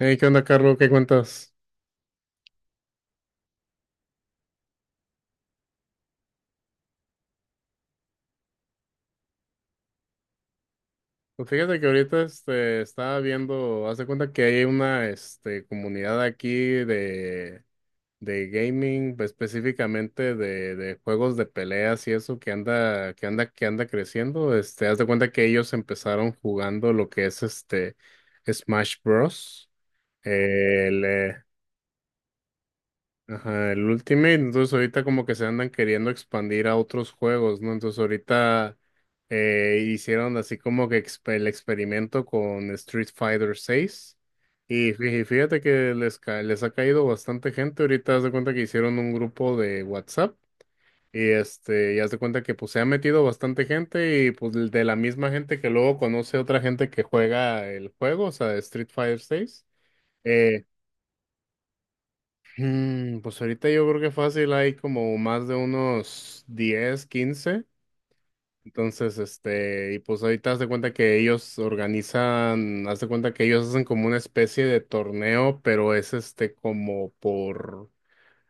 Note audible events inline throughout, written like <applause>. Hey, ¿qué onda, Carlos? ¿Qué cuentas? Pues fíjate que ahorita estaba viendo, haz de cuenta que hay una comunidad aquí de gaming, pues, específicamente de juegos de peleas y eso que anda creciendo. Haz de cuenta que ellos empezaron jugando lo que es Smash Bros. Ajá, el Ultimate. Entonces ahorita como que se andan queriendo expandir a otros juegos, ¿no? Entonces ahorita hicieron así como que el experimento con Street Fighter 6, y fíjate que les ha caído bastante gente. Ahorita haz de cuenta que hicieron un grupo de WhatsApp, y ya haz de cuenta que pues se ha metido bastante gente, y pues de la misma gente que luego conoce otra gente que juega el juego, o sea, Street Fighter 6. eh, pues ahorita yo creo que fácil hay como más de unos 10 quince. Entonces, y pues ahorita haz de cuenta que ellos organizan, haz de cuenta que ellos hacen como una especie de torneo, pero es como por,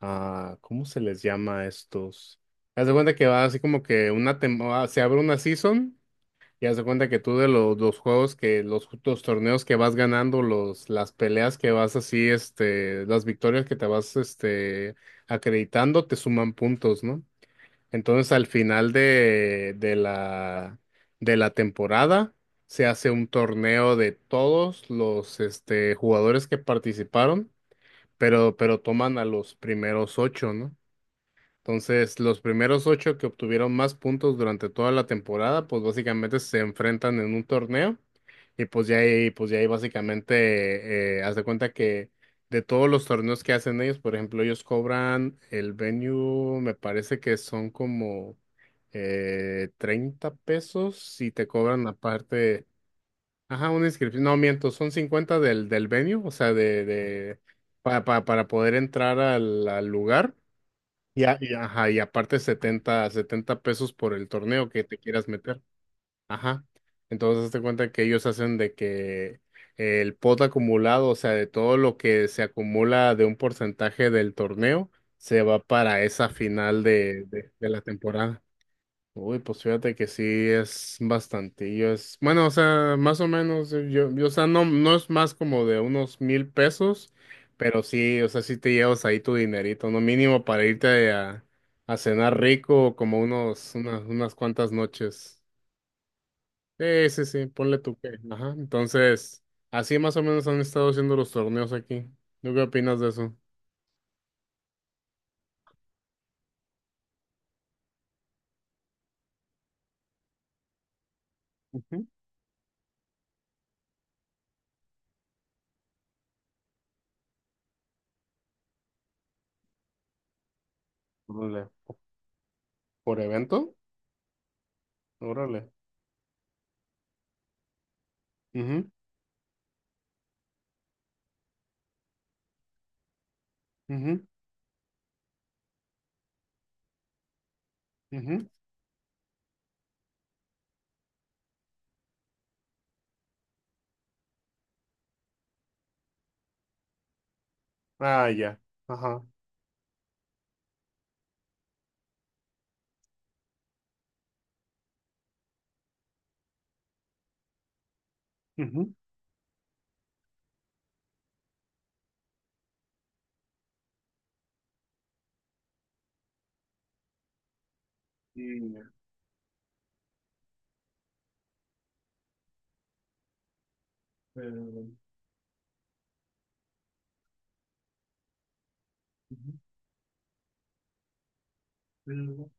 ¿cómo se les llama a estos? Haz de cuenta que va así como que se abre una season. Ya se cuenta que tú de los juegos que, los torneos que vas ganando, los, las peleas que vas así, las victorias que te vas, acreditando, te suman puntos, ¿no? Entonces al final de la temporada se hace un torneo de todos los, jugadores que participaron, pero toman a los primeros ocho, ¿no? Entonces, los primeros ocho que obtuvieron más puntos durante toda la temporada pues básicamente se enfrentan en un torneo, y pues ya ahí básicamente, haz de cuenta que de todos los torneos que hacen ellos, por ejemplo, ellos cobran el venue, me parece que son como $30, y te cobran aparte, ajá, una inscripción. No miento, son 50 del venue, o sea, para poder entrar al lugar. Ajá, y aparte setenta pesos por el torneo que te quieras meter. Ajá. Entonces, hazte cuenta que ellos hacen de que el pot acumulado, o sea, de todo lo que se acumula de un porcentaje del torneo, se va para esa final de la temporada. Uy, pues fíjate que sí es bastantillo. Bueno, o sea, más o menos, o sea, no, no es más como de unos $1,000, pero sí, o sea, sí te llevas ahí tu dinerito. No mínimo para irte a cenar rico como unos, unas cuantas noches. Sí, sí, sí, ponle tu que, ajá. Entonces, así más o menos han estado haciendo los torneos aquí. ¿Tú qué opinas de eso? Ujú. Órale. ¿Por evento? Órale. Ujú, ujú, ujú. Ah, ya. Ajá. Y, pero, Ujú. pero-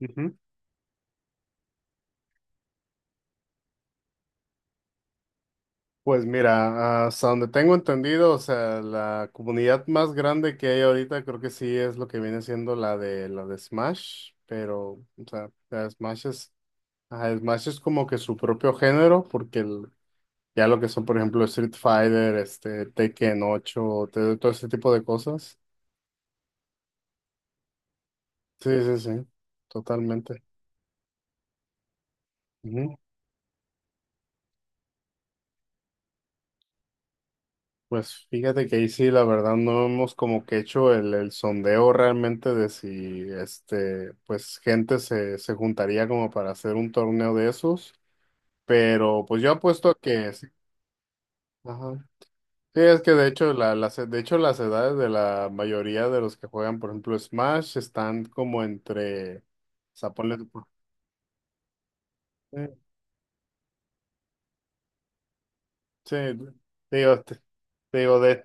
Ujú. Pues mira, hasta donde tengo entendido, o sea, la comunidad más grande que hay ahorita creo que sí es lo que viene siendo la de Smash, pero o sea, la de Smash es. Ajá, Smash es como que su propio género, porque ya lo que son, por ejemplo, Street Fighter, Tekken 8, todo ese tipo de cosas. Sí, sí, sí, totalmente. Pues fíjate que ahí sí, la verdad, no hemos como que hecho el sondeo realmente de si, pues gente se juntaría como para hacer un torneo de esos, pero pues yo apuesto a que sí. Ajá. Sí, es que de hecho, de hecho las edades de la mayoría de los que juegan, por ejemplo, Smash, están como entre, o sea, ponle, eh, sí, digo, te digo.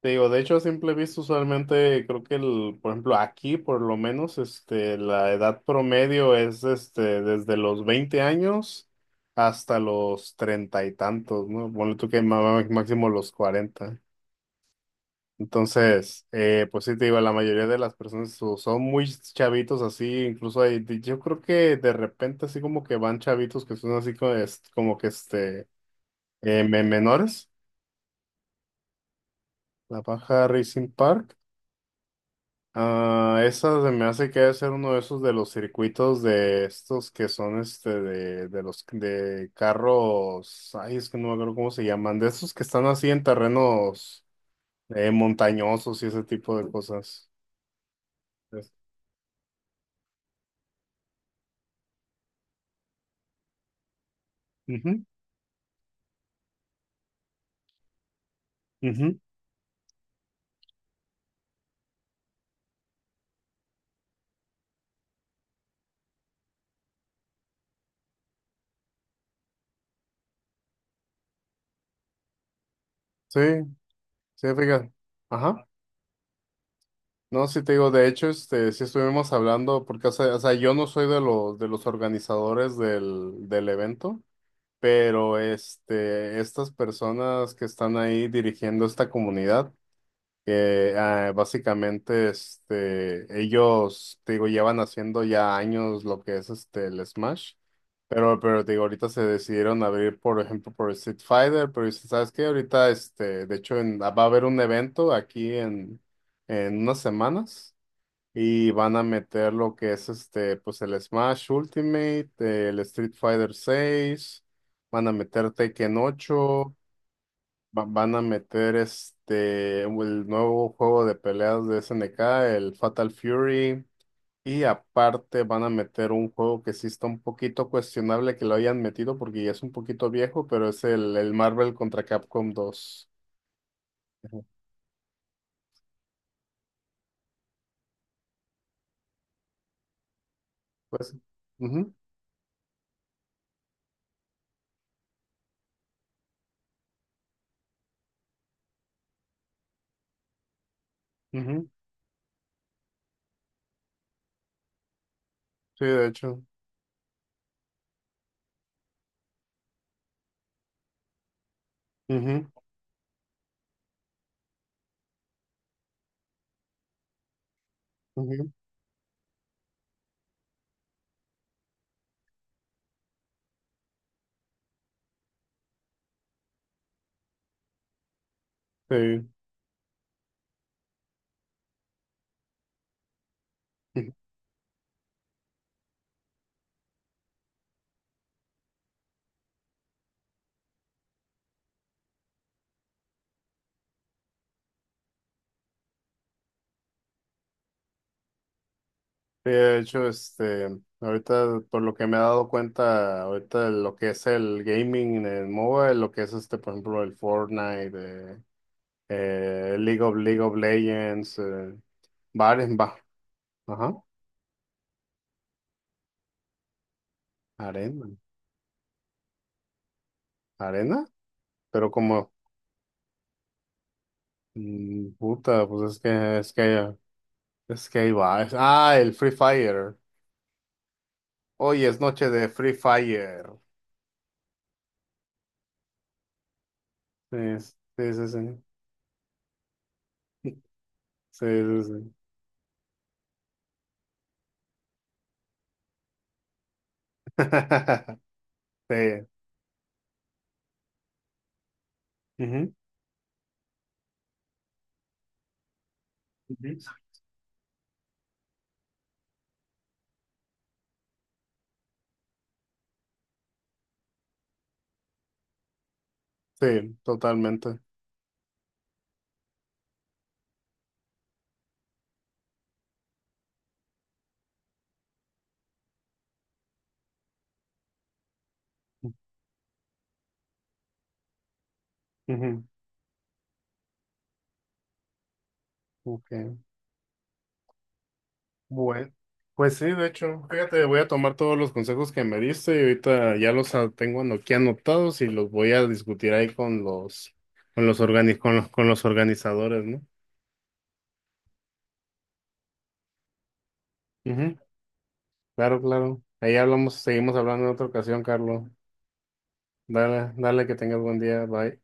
Te digo, de hecho, a simple vista, usualmente creo que por ejemplo, aquí por lo menos, la edad promedio es desde los 20 años hasta los 30 y tantos, ¿no? Ponle tú que máximo los 40. Entonces, pues sí, te digo, la mayoría de las personas son muy chavitos así. Incluso hay, yo creo que de repente así como que van chavitos que son así como, como que menores, la Baja Racing Park. Ah, esa se me hace que debe ser uno de esos de los circuitos de estos que son de los de carros, ay, es que no me acuerdo cómo se llaman, de esos que están así en terrenos montañosos y ese tipo de cosas. Es- Ujú, ujú. Sí, sí, fíjate. Ajá. No, sí te digo, de hecho, sí estuvimos hablando, porque, yo no soy de los organizadores del evento. Pero estas personas que están ahí dirigiendo esta comunidad, básicamente ellos, te digo, llevan haciendo ya años lo que es el Smash, pero te digo, ahorita se decidieron abrir, por ejemplo, por Street Fighter, pero dices, ¿sabes qué? Ahorita, de hecho, va a haber un evento aquí en, unas semanas, y van a meter lo que es pues el Smash Ultimate, el Street Fighter 6, van a meter Tekken 8, van a meter el nuevo juego de peleas de SNK, el Fatal Fury, y aparte van a meter un juego que sí está un poquito cuestionable que lo hayan metido, porque ya es un poquito viejo, pero es el Marvel contra Capcom 2. Ujú. Pues, ujú, ujú, sí, de hecho, ujú, ujú, sí. Sí, de hecho, ahorita por lo que me he dado cuenta, ahorita lo que es el gaming en mobile, lo que es por ejemplo, el Fortnite, eh, League of Legends, bares, va, ajá, arena, arena, pero como, puta, pues es que ahí va, el Free Fire. Hoy es noche de Free Fire. Sí, sí, sí, sí, sí, sí, sí. <laughs> Sí. Ujú. Sí, totalmente. Ujú, ok. Bueno, pues sí, de hecho, fíjate, voy a tomar todos los consejos que me diste, y ahorita ya tengo aquí anotados, y los voy a discutir ahí con los organizadores, ¿no? Ujú, claro, claro. Ahí hablamos, seguimos hablando en otra ocasión, Carlos. Dale, dale, que tengas buen día. Bye.